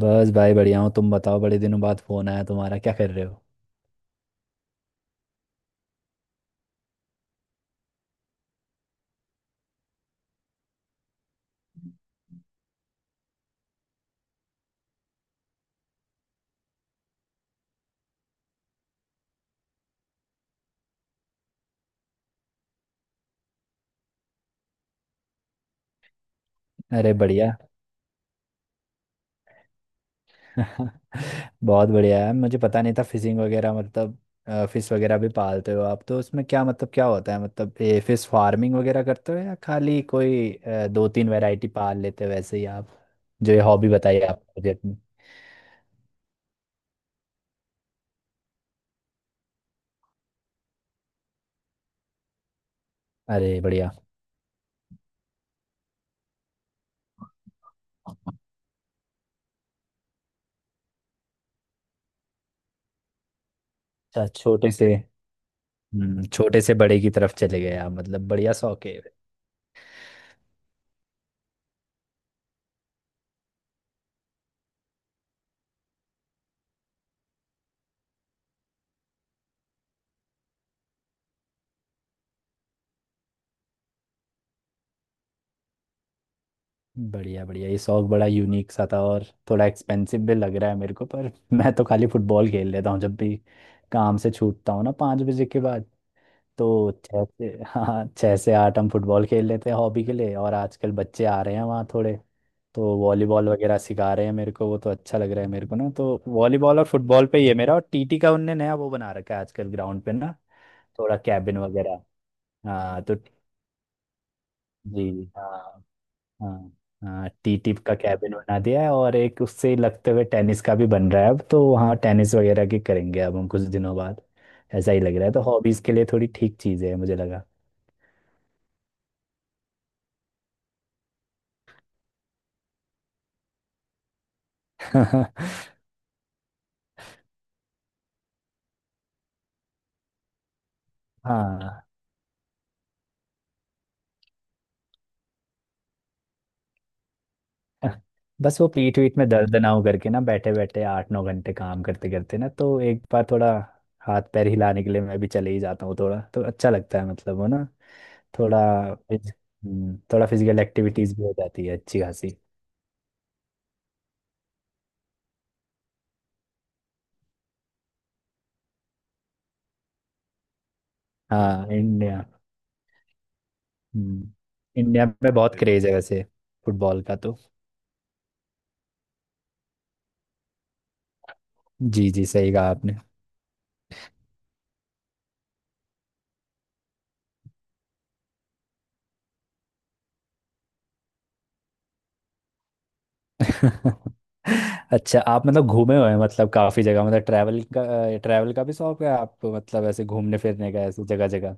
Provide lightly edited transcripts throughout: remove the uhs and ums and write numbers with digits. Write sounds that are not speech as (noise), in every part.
बस भाई बढ़िया हूँ। तुम बताओ, बड़े दिनों बाद फोन आया तुम्हारा, क्या कर रहे हो? अरे बढ़िया। (laughs) बहुत बढ़िया है। मुझे पता नहीं था फिशिंग वगैरह मतलब फिश वगैरह भी पालते हो आप तो। उसमें क्या मतलब क्या होता है, मतलब ये फिश फार्मिंग वगैरह करते हो या खाली कोई दो तीन वैरायटी पाल लेते हो वैसे ही आप, जो ये हॉबी बताई आप मुझे अपनी। अरे बढ़िया। अच्छा छोटे से। हम्म, छोटे से बड़े की तरफ चले गए आप मतलब, बढ़िया शौक है। बढ़िया बढ़िया, ये शौक बड़ा यूनिक सा था और थोड़ा एक्सपेंसिव भी लग रहा है मेरे को पर (laughs) मैं तो खाली फुटबॉल खेल लेता हूँ जब भी काम से छूटता हूँ ना, 5 बजे के बाद। तो छः से (laughs) हाँ, 6 से 8 हम फुटबॉल खेल लेते हैं हॉबी के लिए। और आजकल बच्चे आ रहे हैं वहाँ थोड़े, तो वॉलीबॉल वगैरह सिखा रहे हैं मेरे को, वो तो अच्छा लग रहा है मेरे को ना। तो वॉलीबॉल और फुटबॉल पे ही है मेरा, और टीटी का उनने नया वो बना रखा है आजकल ग्राउंड पे ना, थोड़ा कैबिन वगैरह। हाँ, तो जी, हाँ, हाँ। हाँ, टी टिप का कैबिन बना दिया है, और एक उससे लगते हुए टेनिस का भी बन रहा है। अब तो वहाँ टेनिस वगैरह की करेंगे अब हम कुछ दिनों बाद। ऐसा ही लग रहा है, तो हॉबीज के लिए थोड़ी ठीक चीज है मुझे लगा। (laughs) हाँ, बस वो पीठ वीठ में दर्द ना हो करके ना, बैठे बैठे 8-9 घंटे काम करते करते ना, तो एक बार थोड़ा हाथ पैर हिलाने के लिए मैं भी चले ही जाता हूँ, थोड़ा तो अच्छा लगता है मतलब वो ना, थोड़ा फिज- थोड़ा फिजिकल एक्टिविटीज भी हो जाती है अच्छी खासी। हाँ इंडिया। हम्म, इंडिया में बहुत जी क्रेज है वैसे, फुटबॉल का तो। जी जी, सही कहा आपने। (laughs) अच्छा, आप मतलब घूमे हुए हैं मतलब काफी जगह, मतलब ट्रैवल का, ट्रैवल का भी शौक है आपको, मतलब ऐसे घूमने फिरने का, ऐसे जगह जगह।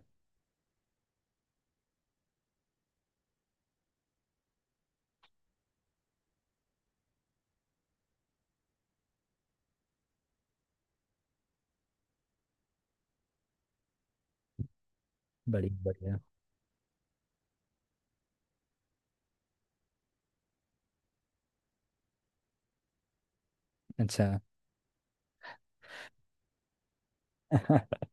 बढ़िया बढ़िया। अच्छा। (laughs)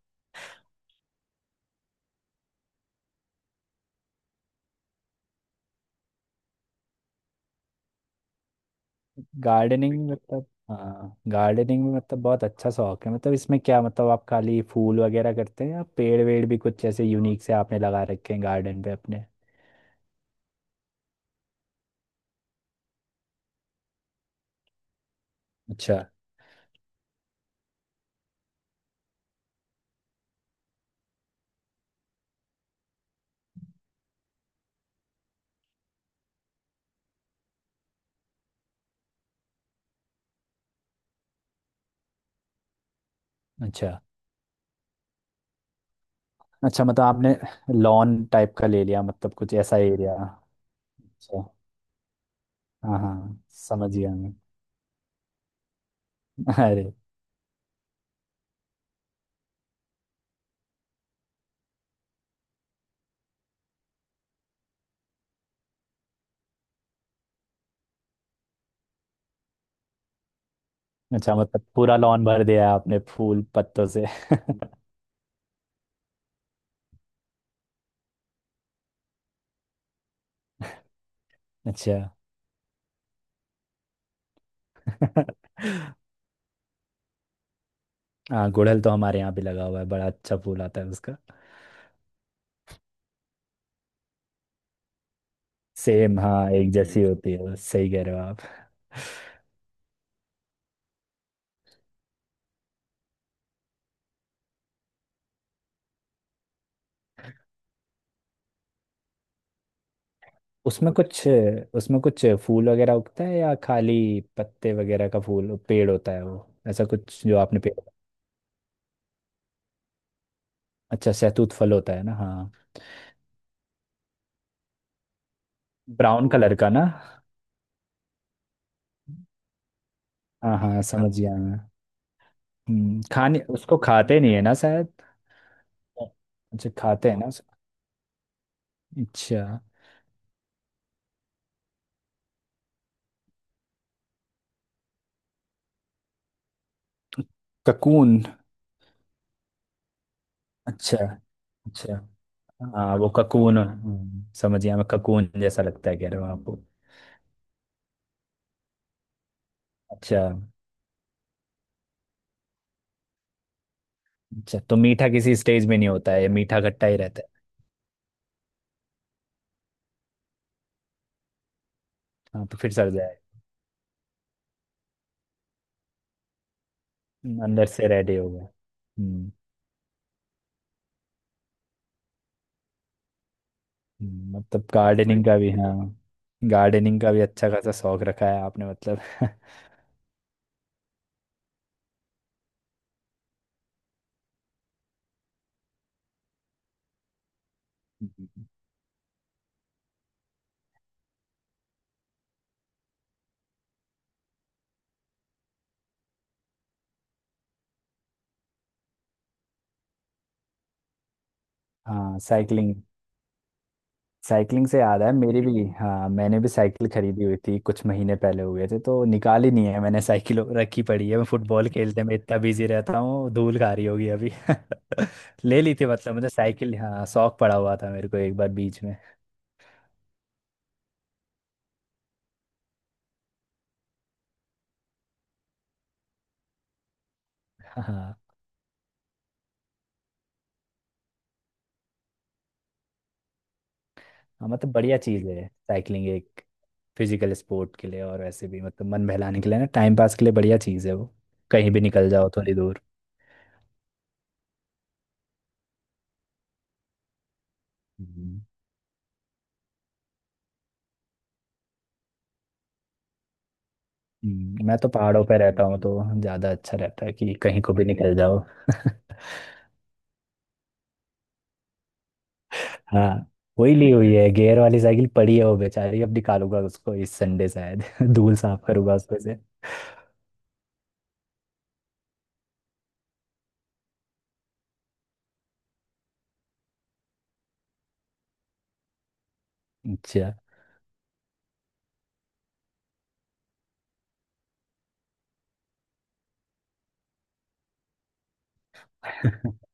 गार्डनिंग में मतलब हाँ, गार्डनिंग में मतलब बहुत अच्छा शौक है। मतलब इसमें क्या मतलब, आप खाली फूल वगैरह करते हैं या पेड़ वेड़ भी कुछ ऐसे यूनिक से आपने लगा रखे हैं गार्डन पे अपने? अच्छा अच्छा। अच्छा मतलब आपने लॉन टाइप का ले लिया मतलब, कुछ ऐसा एरिया। अच्छा हाँ हाँ, समझ गया मैं। अरे। अच्छा मतलब पूरा लॉन भर दिया है आपने फूल पत्तों से। (laughs) अच्छा। (laughs) हाँ, गुड़हल तो हमारे यहाँ भी लगा हुआ है, बड़ा अच्छा फूल आता है उसका। सेम, हाँ एक जैसी होती है, बस सही कह रहे हो आप। उसमें कुछ उसमें कुछ फूल वगैरह उगता है या खाली पत्ते वगैरह का फूल पेड़ होता है वो, ऐसा कुछ जो आपने पेड़। अच्छा, सहतूत फल होता है ना, हाँ। ब्राउन कलर का ना? हाँ हाँ हाँ, समझ गया मैं। खाने, उसको खाते नहीं है ना शायद। अच्छा, खाते हैं ना उसको। अच्छा। ककून। अच्छा। अच्छा हाँ वो ककून। समझ गया मैं, ककून जैसा लगता है कह रहे हो आपको। अच्छा। अच्छा, तो मीठा किसी स्टेज में नहीं होता है ये, मीठा खट्टा ही रहता है? हाँ, तो फिर सड़ जाए। अंदर से रेडी हो गया। हम्म। मतलब वही गार्डनिंग का भी हाँ। गार्डनिंग का भी अच्छा खासा शौक रखा है आपने मतलब। (laughs) हम्म। हाँ साइकिलिंग। साइकिलिंग से याद है मेरी भी, हाँ मैंने भी साइकिल खरीदी हुई थी कुछ महीने पहले हुए थे, तो निकाली नहीं है मैंने, साइकिल रखी पड़ी है, मैं फुटबॉल खेलने में इतना बिजी रहता हूँ, धूल खा रही होगी अभी। (laughs) ले ली थी मतलब मुझे साइकिल, हाँ शौक पड़ा हुआ था मेरे को एक बार बीच में। (laughs) हाँ। हाँ मतलब बढ़िया चीज़ है साइकिलिंग, एक फिजिकल स्पोर्ट के लिए, और वैसे भी मतलब मन बहलाने के लिए ना, टाइम पास के लिए बढ़िया चीज़ है वो, कहीं भी निकल जाओ थोड़ी दूर। हम्म, मैं तो पहाड़ों पे रहता हूँ, तो ज़्यादा अच्छा रहता है कि कहीं को भी निकल जाओ। (laughs) हाँ, वही ली हुई है गियर वाली साइकिल, पड़ी है वो बेचारी, अब निकालूंगा उसको इस संडे शायद (laughs) धूल साफ करूंगा उसमें से। अच्छा। (laughs)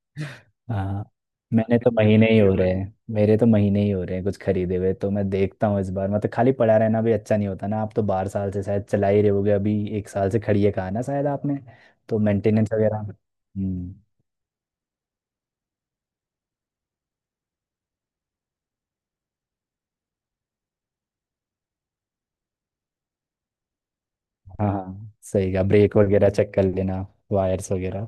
हाँ, मैंने तो महीने ही हो रहे हैं, मेरे तो महीने ही हो रहे हैं कुछ खरीदे हुए, तो मैं देखता हूँ इस बार मतलब, खाली पड़ा रहना भी अच्छा नहीं होता ना, आप तो 12 साल से शायद चला ही रहे होगे, अभी एक साल से खड़ी है कहा ना शायद आपने? तो मेंटेनेंस वगैरह हम्म। हाँ हाँ, सही, का ब्रेक वगैरह चेक कर लेना, वायर्स वगैरह,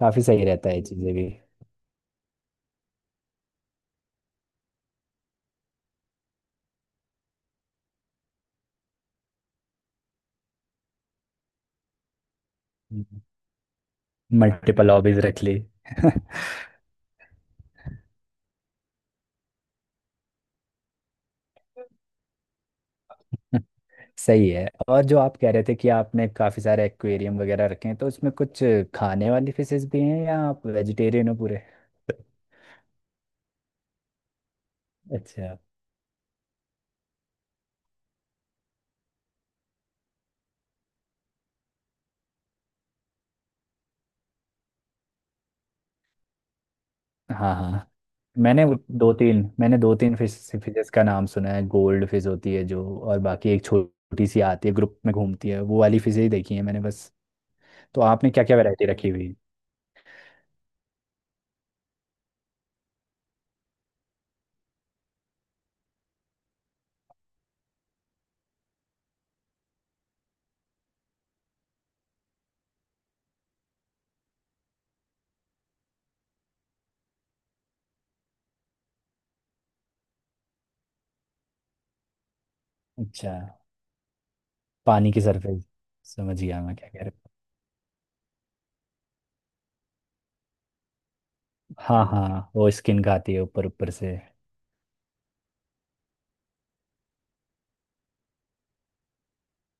काफी सही रहता है ये चीजें भी। मल्टीपल हॉबीज रख ली। (laughs) सही है। और जो आप कह रहे थे कि आपने काफी सारे एक्वेरियम वगैरह रखे हैं, तो उसमें कुछ खाने वाली फिशेस भी हैं या आप वेजिटेरियन हो पूरे? अच्छा। हाँ हाँ। मैंने दो तीन फिशेस का नाम सुना है, गोल्ड फिश होती है जो, और बाकी एक छोटी सी आती है ग्रुप में घूमती है, वो वाली फिशेज देखी है मैंने बस। तो आपने क्या क्या वैरायटी रखी हुई है? अच्छा, पानी की सरफेस। समझ गया मैं क्या कह रहा हूँ, हाँ हाँ वो स्किन खाती है ऊपर ऊपर से।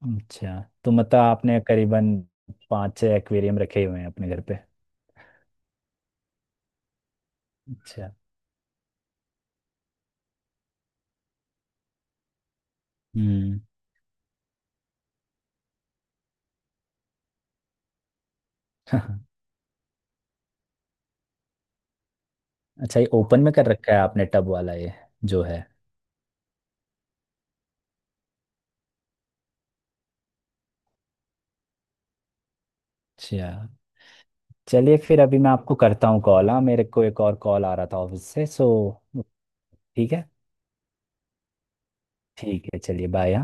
अच्छा, तो मतलब आपने करीबन पाँच छह एक्वेरियम रखे हुए हैं अपने घर पे? अच्छा। हम्म। (laughs) अच्छा, ये ओपन में कर रखा है आपने टब वाला ये, जो है। अच्छा, चलिए फिर अभी मैं आपको करता हूँ कॉल, हाँ मेरे को एक और कॉल आ रहा था ऑफिस से, सो ठीक है। ठीक है, चलिए बाय।